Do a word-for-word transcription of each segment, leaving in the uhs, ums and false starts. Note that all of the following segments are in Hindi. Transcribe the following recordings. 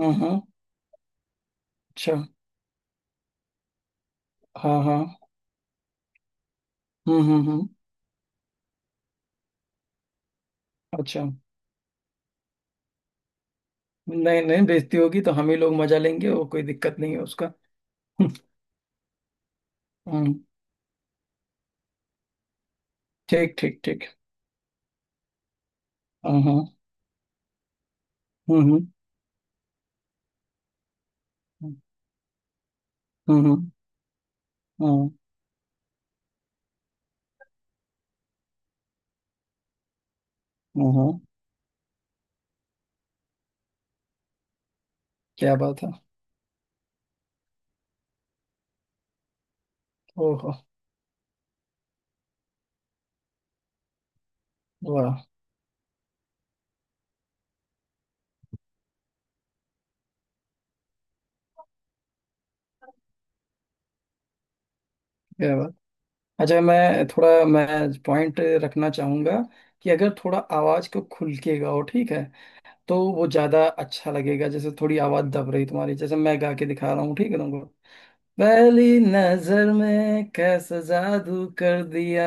हम्म। अच्छा। हाँ हाँ। हम्म हम्म हम्म। अच्छा। नहीं नहीं, बेइज्जती होगी तो हम ही लोग मजा लेंगे, वो कोई दिक्कत नहीं है उसका। हम्म हम्म, ठीक ठीक ठीक। हाँ हाँ। हम्म हम्म हम्म हम्म हम्म। क्या बात है। ओहो। वाह। क्या बात। अच्छा, मैं थोड़ा मैं पॉइंट रखना चाहूंगा कि अगर थोड़ा आवाज को खुल के गाओ, ठीक है? तो वो ज्यादा अच्छा लगेगा। जैसे थोड़ी आवाज दब रही तुम्हारी, जैसे मैं गा के दिखा रहा हूँ, ठीक है तुमको। पहली नजर में कैसा जादू कर दिया,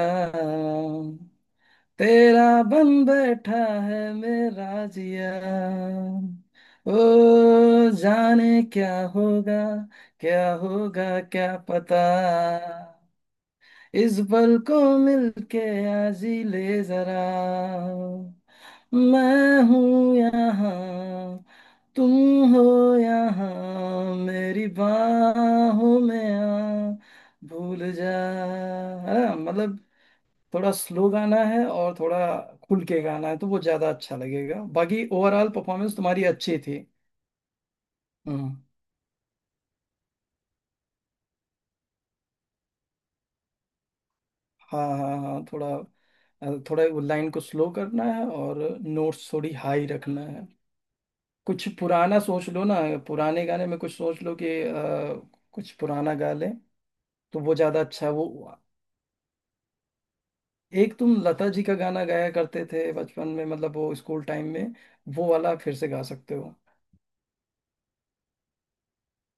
तेरा बन बैठा है मेरा जिया, ओ जाने क्या होगा, क्या होगा क्या पता, इस पल को मिलके आजी ले जरा, मैं हूँ यहाँ, तुम हो यहाँ मेरी बाहों में आ, भूल जा। है ना? मतलब थोड़ा स्लो गाना है और थोड़ा खुल के गाना है, तो वो ज्यादा अच्छा लगेगा, बाकी ओवरऑल परफॉर्मेंस तुम्हारी अच्छी थी। हम्म। हाँ हाँ हाँ, थोड़ा अ, थोड़ा वो लाइन को स्लो करना है और नोट्स थोड़ी हाई रखना है। कुछ पुराना सोच लो ना। पुराने गाने में कुछ सोच लो कि अ, कुछ पुराना गा ले, तो वो ज्यादा अच्छा है। वो एक तुम लता जी का गाना गाया करते थे बचपन में, मतलब वो स्कूल टाइम में, वो वाला फिर से गा सकते हो।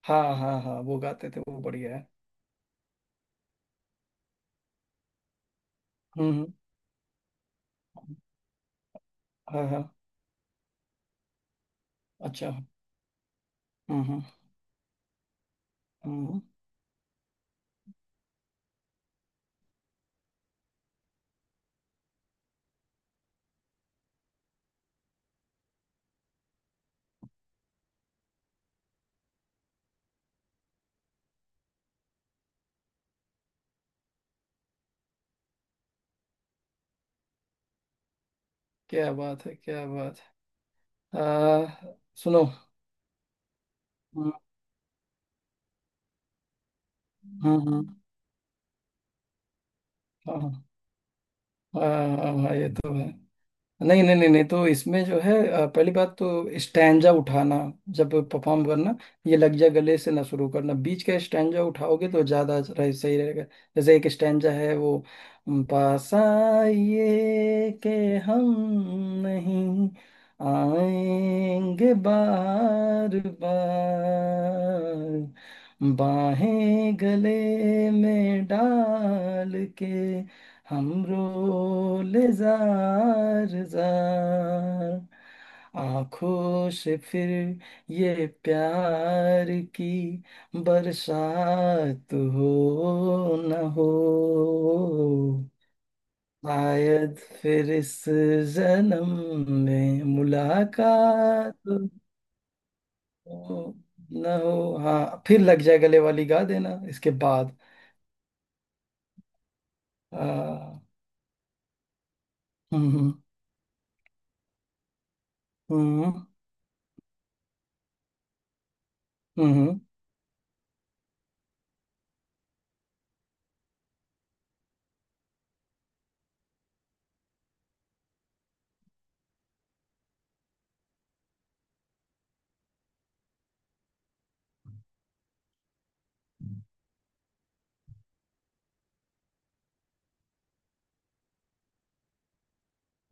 हाँ हाँ हाँ, वो गाते थे, वो बढ़िया है। हम्म हम्म। हाँ हाँ। अच्छा। हम्म हम्म हम्म हम्म। क्या बात है, क्या बात है। आ, सुनो। हम्म हम्म हम्म। हाँ हाँ हाँ हाँ हाँ, ये तो है। नहीं नहीं नहीं नहीं, तो इसमें जो है अ, पहली बात तो स्टैंजा उठाना जब परफॉर्म करना। ये लग जा गले से ना शुरू करना, बीच का स्टैंजा उठाओगे तो ज्यादा रहे, सही रहेगा। जैसे एक स्टैंजा है वो, "उम, पास आइए के हम नहीं आएंगे बार बार, बाहें गले में डाल के हमरो ले जार जार, आंखों से फिर ये प्यार की बरसात हो न हो, शायद फिर इस जन्म में मुलाकात हो न हो"। हाँ, फिर लग जाए गले वाली गा देना इसके बाद। आ, हम्म हम्म हम्म हम्म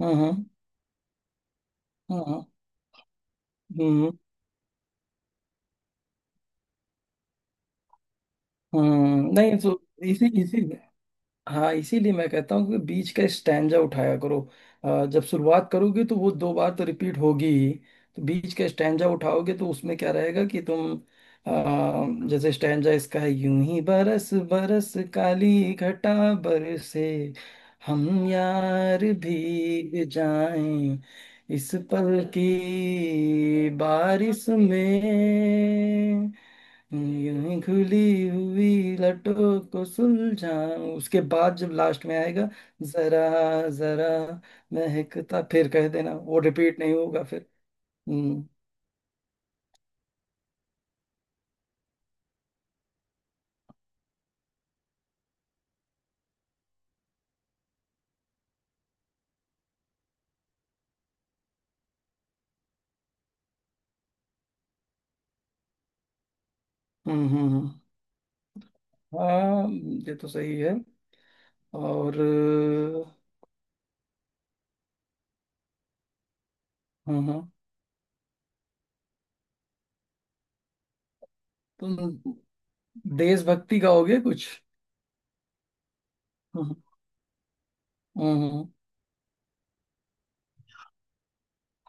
हम्म हम्म, हम्म। हम्म हम्म। नहीं तो इसी इसी हाँ, इसीलिए मैं कहता हूँ कि बीच का स्टैंजा उठाया करो। अ, जब शुरुआत करोगे तो वो दो बार तो रिपीट होगी ही, तो बीच का स्टैंजा उठाओगे तो उसमें क्या रहेगा कि तुम अ, जैसे स्टैंजा इसका है, यूं ही बरस बरस काली घटा बरसे, हम यार भीग जाएं इस पल की बारिश में, यूं खुली हुई लटों को सुलझाऊं, उसके बाद जब लास्ट में आएगा जरा जरा महकता, फिर कह देना, वो रिपीट नहीं होगा फिर। हम्म हम्म हम्म हम्म। हाँ, ये तो सही है। और अ, हाँ हाँ, तुम देशभक्ति गाओगे कुछ? हम्म हम्म, हम्म।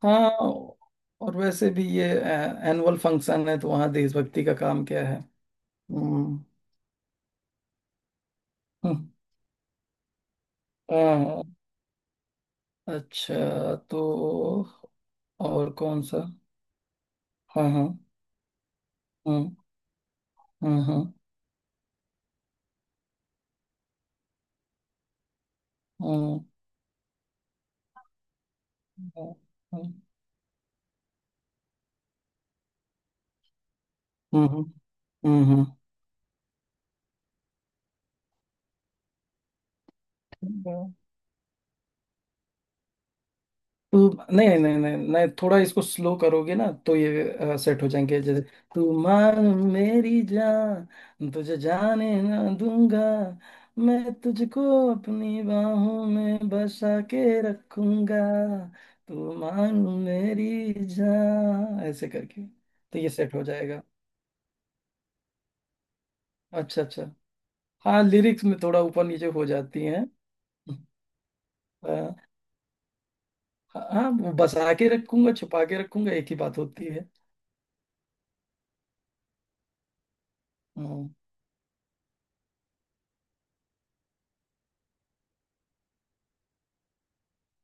हाँ, और वैसे भी ये एनुअल फंक्शन है, तो वहाँ देशभक्ति का काम क्या है? हम्म हम्म। हाँ हाँ। अच्छा, तो और कौन सा? हाँ हाँ हाँ हाँ हाँ हाँ हाँ, हाँ, हम्म हम्म। ठीक है। तू, नहीं नहीं नहीं नहीं नहीं, थोड़ा इसको स्लो करोगे ना तो ये सेट हो जाएंगे, जैसे तू मान मेरी जान, तुझे जाने ना दूंगा, मैं तुझको अपनी बाहों में बसा के रखूंगा, तू मान मेरी जान, ऐसे करके तो ये सेट हो जाएगा। अच्छा अच्छा। हाँ, लिरिक्स में थोड़ा ऊपर नीचे हो जाती हैं। अ, हाँ हाँ, वो बसा के रखूंगा, छुपा के रखूंगा, एक ही बात होती है। हम्म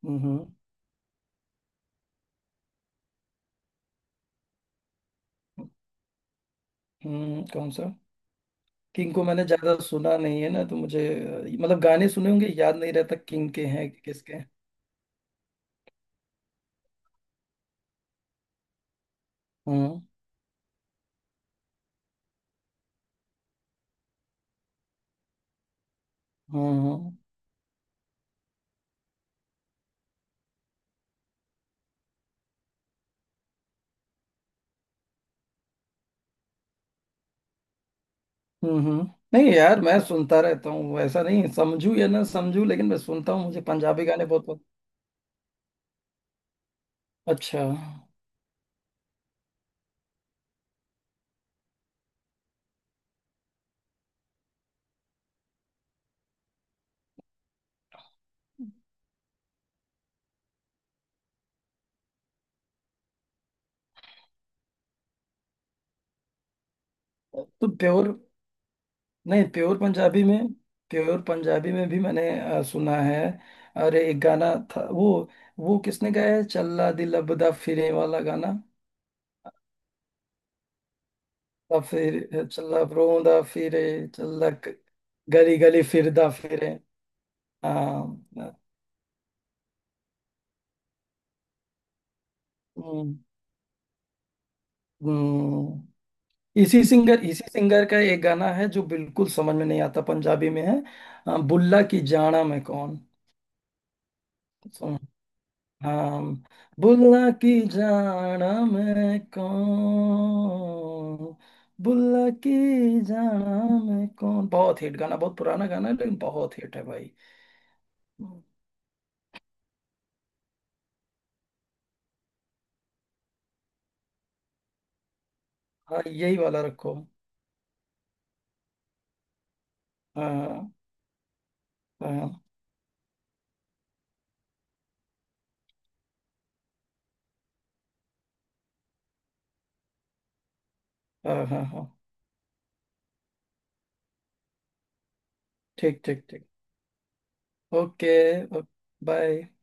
हम्म हम्म, कौन सा? किंग को मैंने ज्यादा सुना नहीं है ना, तो मुझे अ, मतलब गाने सुने होंगे, याद नहीं रहता किंग के हैं कि किसके हैं। हम्म हम्म हम्म हम्म। नहीं यार, मैं सुनता रहता हूँ, ऐसा नहीं समझू या ना समझू लेकिन मैं सुनता हूँ, मुझे पंजाबी गाने बहुत बहुत अच्छा। तो प्योर नहीं, प्योर पंजाबी में, प्योर पंजाबी में भी मैंने अ, सुना है। और एक गाना था वो वो किसने गाया है, चल्ला दिल अबदा फिरे वाला गाना? और फिर चल्ला रोंदा फिरे, चल्ला ग- गली गली फिरदा फिरे। हाँ। हम्म, हम्म। इसी सिंगर इसी सिंगर का एक गाना है जो बिल्कुल समझ में नहीं आता, पंजाबी में है। अ, बुल्ला की जाना में कौन। हम। बुल्ला की जाना मैं कौन, बुल्ला की जाना मैं कौन, बहुत हिट गाना, बहुत पुराना गाना है लेकिन बहुत हिट है भाई। हाँ, यही वाला रखो। हाँ हाँ हाँ हाँ हाँ हाँ, ठीक ठीक ठीक। ओके। बाय।